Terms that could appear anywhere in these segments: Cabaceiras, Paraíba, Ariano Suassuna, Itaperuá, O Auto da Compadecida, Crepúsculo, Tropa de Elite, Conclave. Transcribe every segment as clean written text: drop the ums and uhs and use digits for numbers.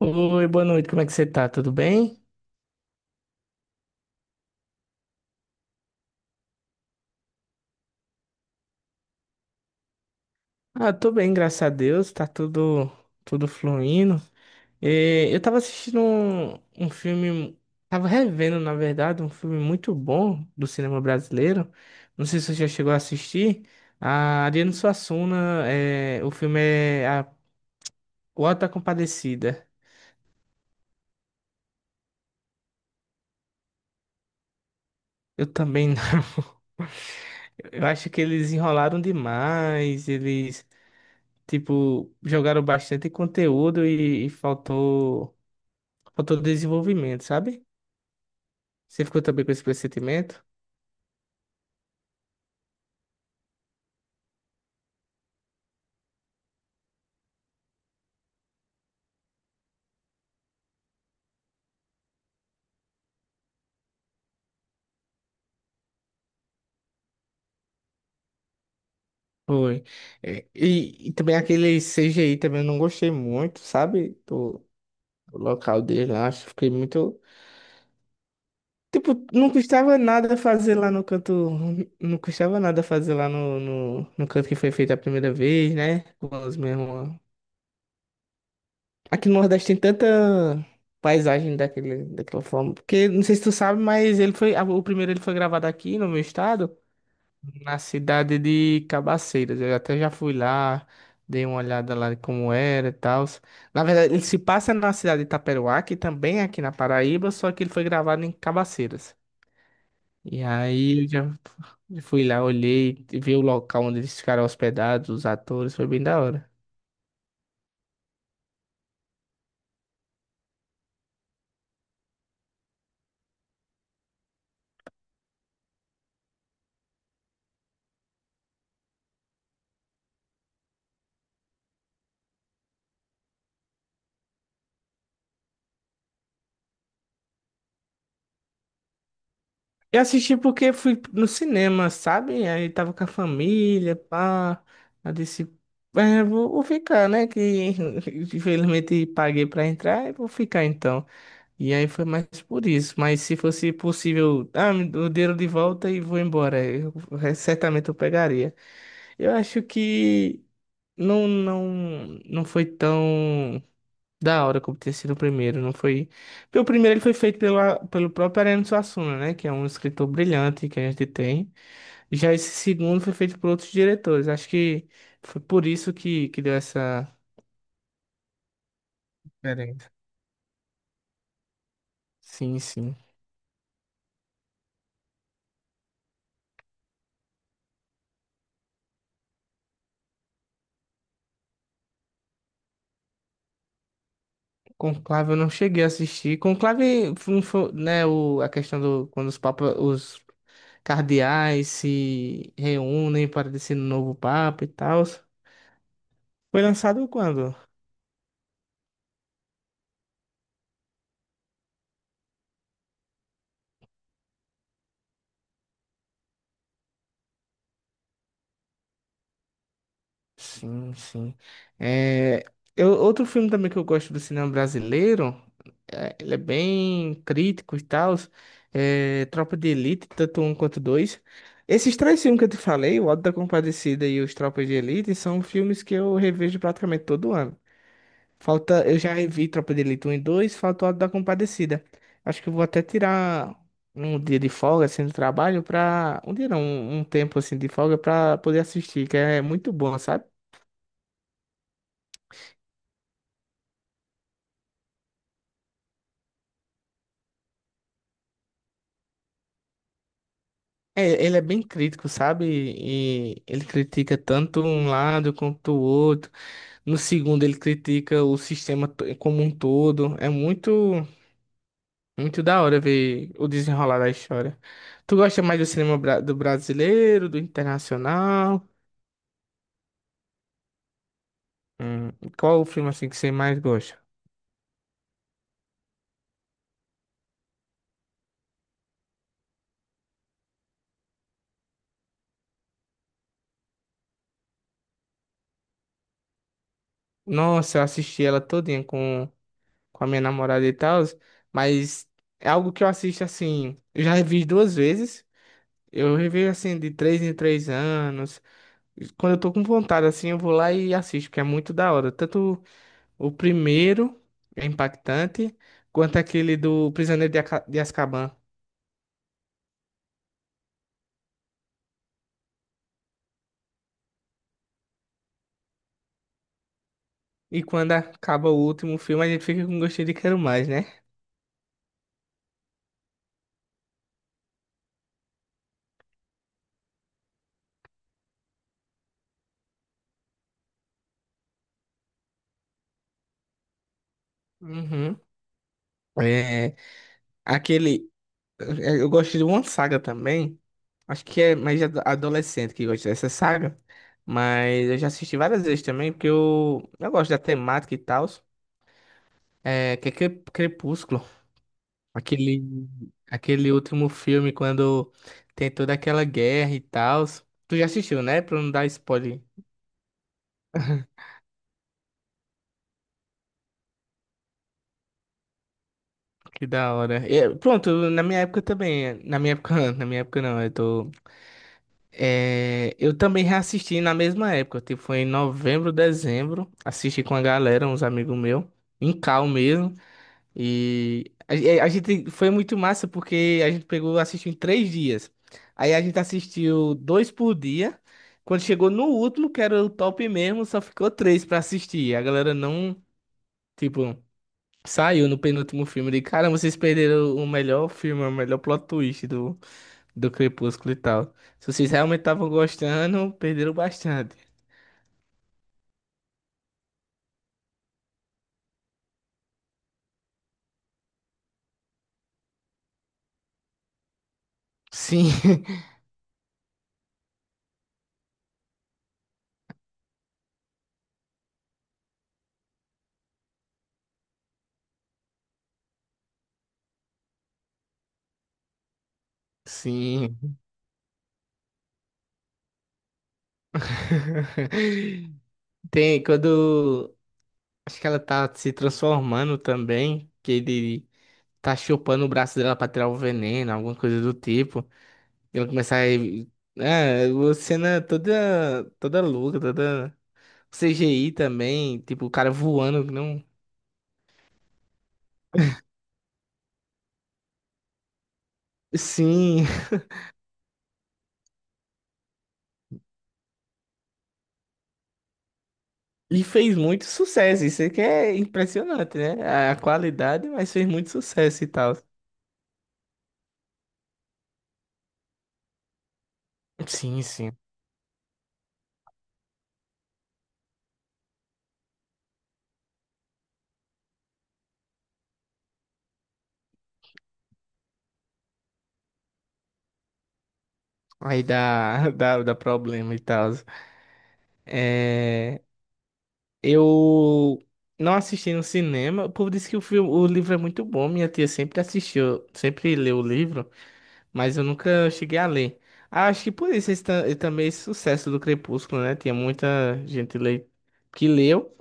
Oi, boa noite, como é que você tá? Tudo bem? Ah, tô bem, graças a Deus, tá tudo, fluindo. Eu tava assistindo um filme, tava revendo, na verdade, um filme muito bom do cinema brasileiro. Não sei se você já chegou a assistir. A Ariano Suassuna, o filme é O Auto da Compadecida. Eu também não. Eu acho que eles enrolaram demais, tipo, jogaram bastante conteúdo e faltou. Faltou desenvolvimento, sabe? Você ficou também com esse pressentimento? Foi. É, e também aquele CGI também eu não gostei muito, sabe? Do local dele lá, acho que fiquei muito. Tipo, não custava nada fazer lá no canto. Não custava nada fazer lá no canto que foi feito a primeira vez, né? Com os mesmos. Aqui no Nordeste tem tanta paisagem daquela forma. Porque, não sei se tu sabe, mas ele foi. O primeiro ele foi gravado aqui no meu estado, na cidade de Cabaceiras. Eu até já fui lá, dei uma olhada lá de como era e tal. Na verdade, ele se passa na cidade de Itaperuá, que também é aqui na Paraíba, só que ele foi gravado em Cabaceiras. E aí eu já fui lá, olhei, vi o local onde eles ficaram hospedados, os atores, foi bem da hora. Eu assisti porque fui no cinema, sabe? Aí tava com a família, pá. Aí disse, é, vou ficar, né? Que infelizmente paguei pra entrar, eu vou ficar então. E aí foi mais por isso. Mas se fosse possível, ah, me dê o dinheiro de volta e vou embora. Eu, certamente eu pegaria. Eu acho que não, não, não foi tão da hora como ter sido o primeiro. Não foi. Porque o primeiro ele foi feito pelo próprio Ariano Suassuna, né? Que é um escritor brilhante que a gente tem. Já esse segundo foi feito por outros diretores. Acho que foi por isso que deu essa diferença. Sim, sim. Conclave eu não cheguei a assistir. Conclave foi, né, a questão do quando os papas, os cardeais se reúnem para decidir um novo papa e tal. Foi lançado quando? Sim, sim. É, eu, outro filme também que eu gosto do cinema brasileiro, é, ele é bem crítico e tal, é Tropa de Elite, tanto um quanto dois. Esses três filmes que eu te falei, O Auto da Compadecida e Os Tropas de Elite, são filmes que eu revejo praticamente todo ano. Falta, eu já revi Tropa de Elite 1 e 2 falta o Auto da Compadecida. Acho que eu vou até tirar um dia de folga, assim, do trabalho pra... Um dia não, um tempo, assim, de folga pra poder assistir, que é muito bom, sabe? É, ele é bem crítico, sabe? E ele critica tanto um lado quanto o outro. No segundo, ele critica o sistema como um todo. É muito, muito da hora ver o desenrolar da história. Tu gosta mais do cinema do brasileiro, do internacional? Hum, qual o filme assim que você mais gosta? Nossa, eu assisti ela todinha com a minha namorada e tal, mas é algo que eu assisto assim, eu já revi duas vezes. Eu revejo assim de três em três anos. Quando eu tô com vontade assim, eu vou lá e assisto, porque é muito da hora. Tanto o primeiro é impactante, quanto aquele do Prisioneiro de Azkaban. E quando acaba o último filme, a gente fica com gostinho de quero mais, né? Uhum. É, aquele Eu gosto de uma saga também. Acho que é mais adolescente que gosta dessa saga. Mas eu já assisti várias vezes também, porque eu gosto da temática e tal. É, que é Crepúsculo. Aquele, aquele último filme quando tem toda aquela guerra e tal. Tu já assistiu, né? Pra não dar spoiler. Que da hora. E, pronto, na minha época também. Na minha época, na minha época não. Eu tô. É, eu também reassisti na mesma época, tipo, foi em novembro, dezembro, assisti com a galera, uns amigos meus, em cal mesmo, e a gente foi muito massa porque a gente pegou, assistiu em três dias, aí a gente assistiu dois por dia, quando chegou no último, que era o top mesmo, só ficou três pra assistir, a galera não, tipo, saiu no penúltimo filme, de caramba, vocês perderam o melhor filme, o melhor plot twist do Crepúsculo e tal. Se vocês realmente estavam gostando, perderam bastante. Sim, sim. Tem quando. Acho que ela tá se transformando também, que ele tá chupando o braço dela pra tirar o veneno, alguma coisa do tipo. E ela começa a. É, uma cena toda, toda louca, toda. CGI também, tipo, o cara voando, que não. Sim, e fez muito sucesso, isso é que é impressionante, né? A qualidade, mas fez muito sucesso e tal. Sim, sim. Aí dá problema e tal. É, eu não assisti no cinema. O povo disse que o filme, o livro é muito bom. Minha tia sempre assistiu, sempre leu o livro, mas eu nunca cheguei a ler. Ah, acho que por isso também esse sucesso do Crepúsculo, né? Tinha muita gente que leu.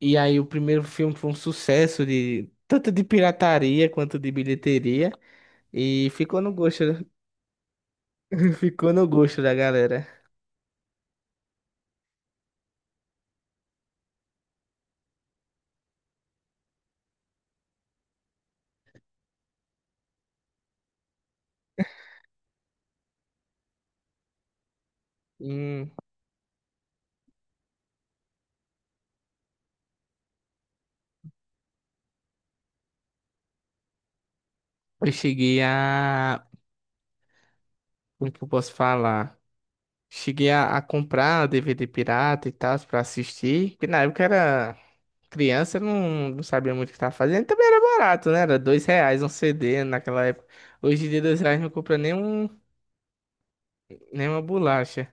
E aí o primeiro filme foi um sucesso de tanto de pirataria quanto de bilheteria e ficou no gosto, ficou no gosto da galera. Hum, eu cheguei como que eu posso falar? Cheguei a comprar DVD pirata e tal pra assistir, que na época era criança, não sabia muito o que tava fazendo, também era barato, né? Era dois reais um CD naquela época. Hoje em dia dois reais não compra nem nem uma bolacha.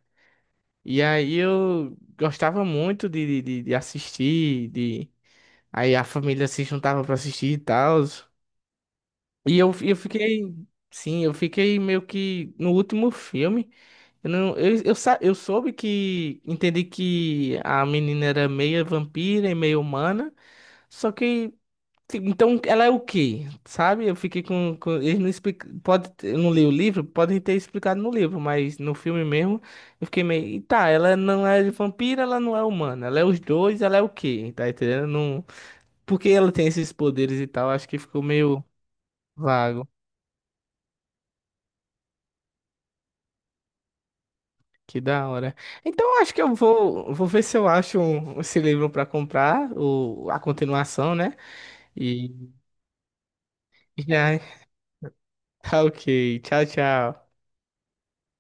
E aí eu gostava muito de assistir, de... Aí a família se juntava pra assistir e tal. E eu fiquei... Sim, eu fiquei meio que no último filme. Eu, não, eu, sa- eu soube que... Entendi que a menina era meia vampira e meio humana. Só que então, ela é o quê? Sabe? Eu fiquei eles não explicam, pode, eu não li o livro, podem ter explicado no livro, mas no filme mesmo, eu fiquei meio, "E tá, ela não é vampira, ela não é humana, ela é os dois, ela é o quê? Tá entendendo? Não, porque ela tem esses poderes e tal, acho que ficou meio vago. Que da hora. Então, eu acho que eu vou ver se eu acho esse livro pra comprar, a continuação, né? E já, tá ok. Tchau, tchau.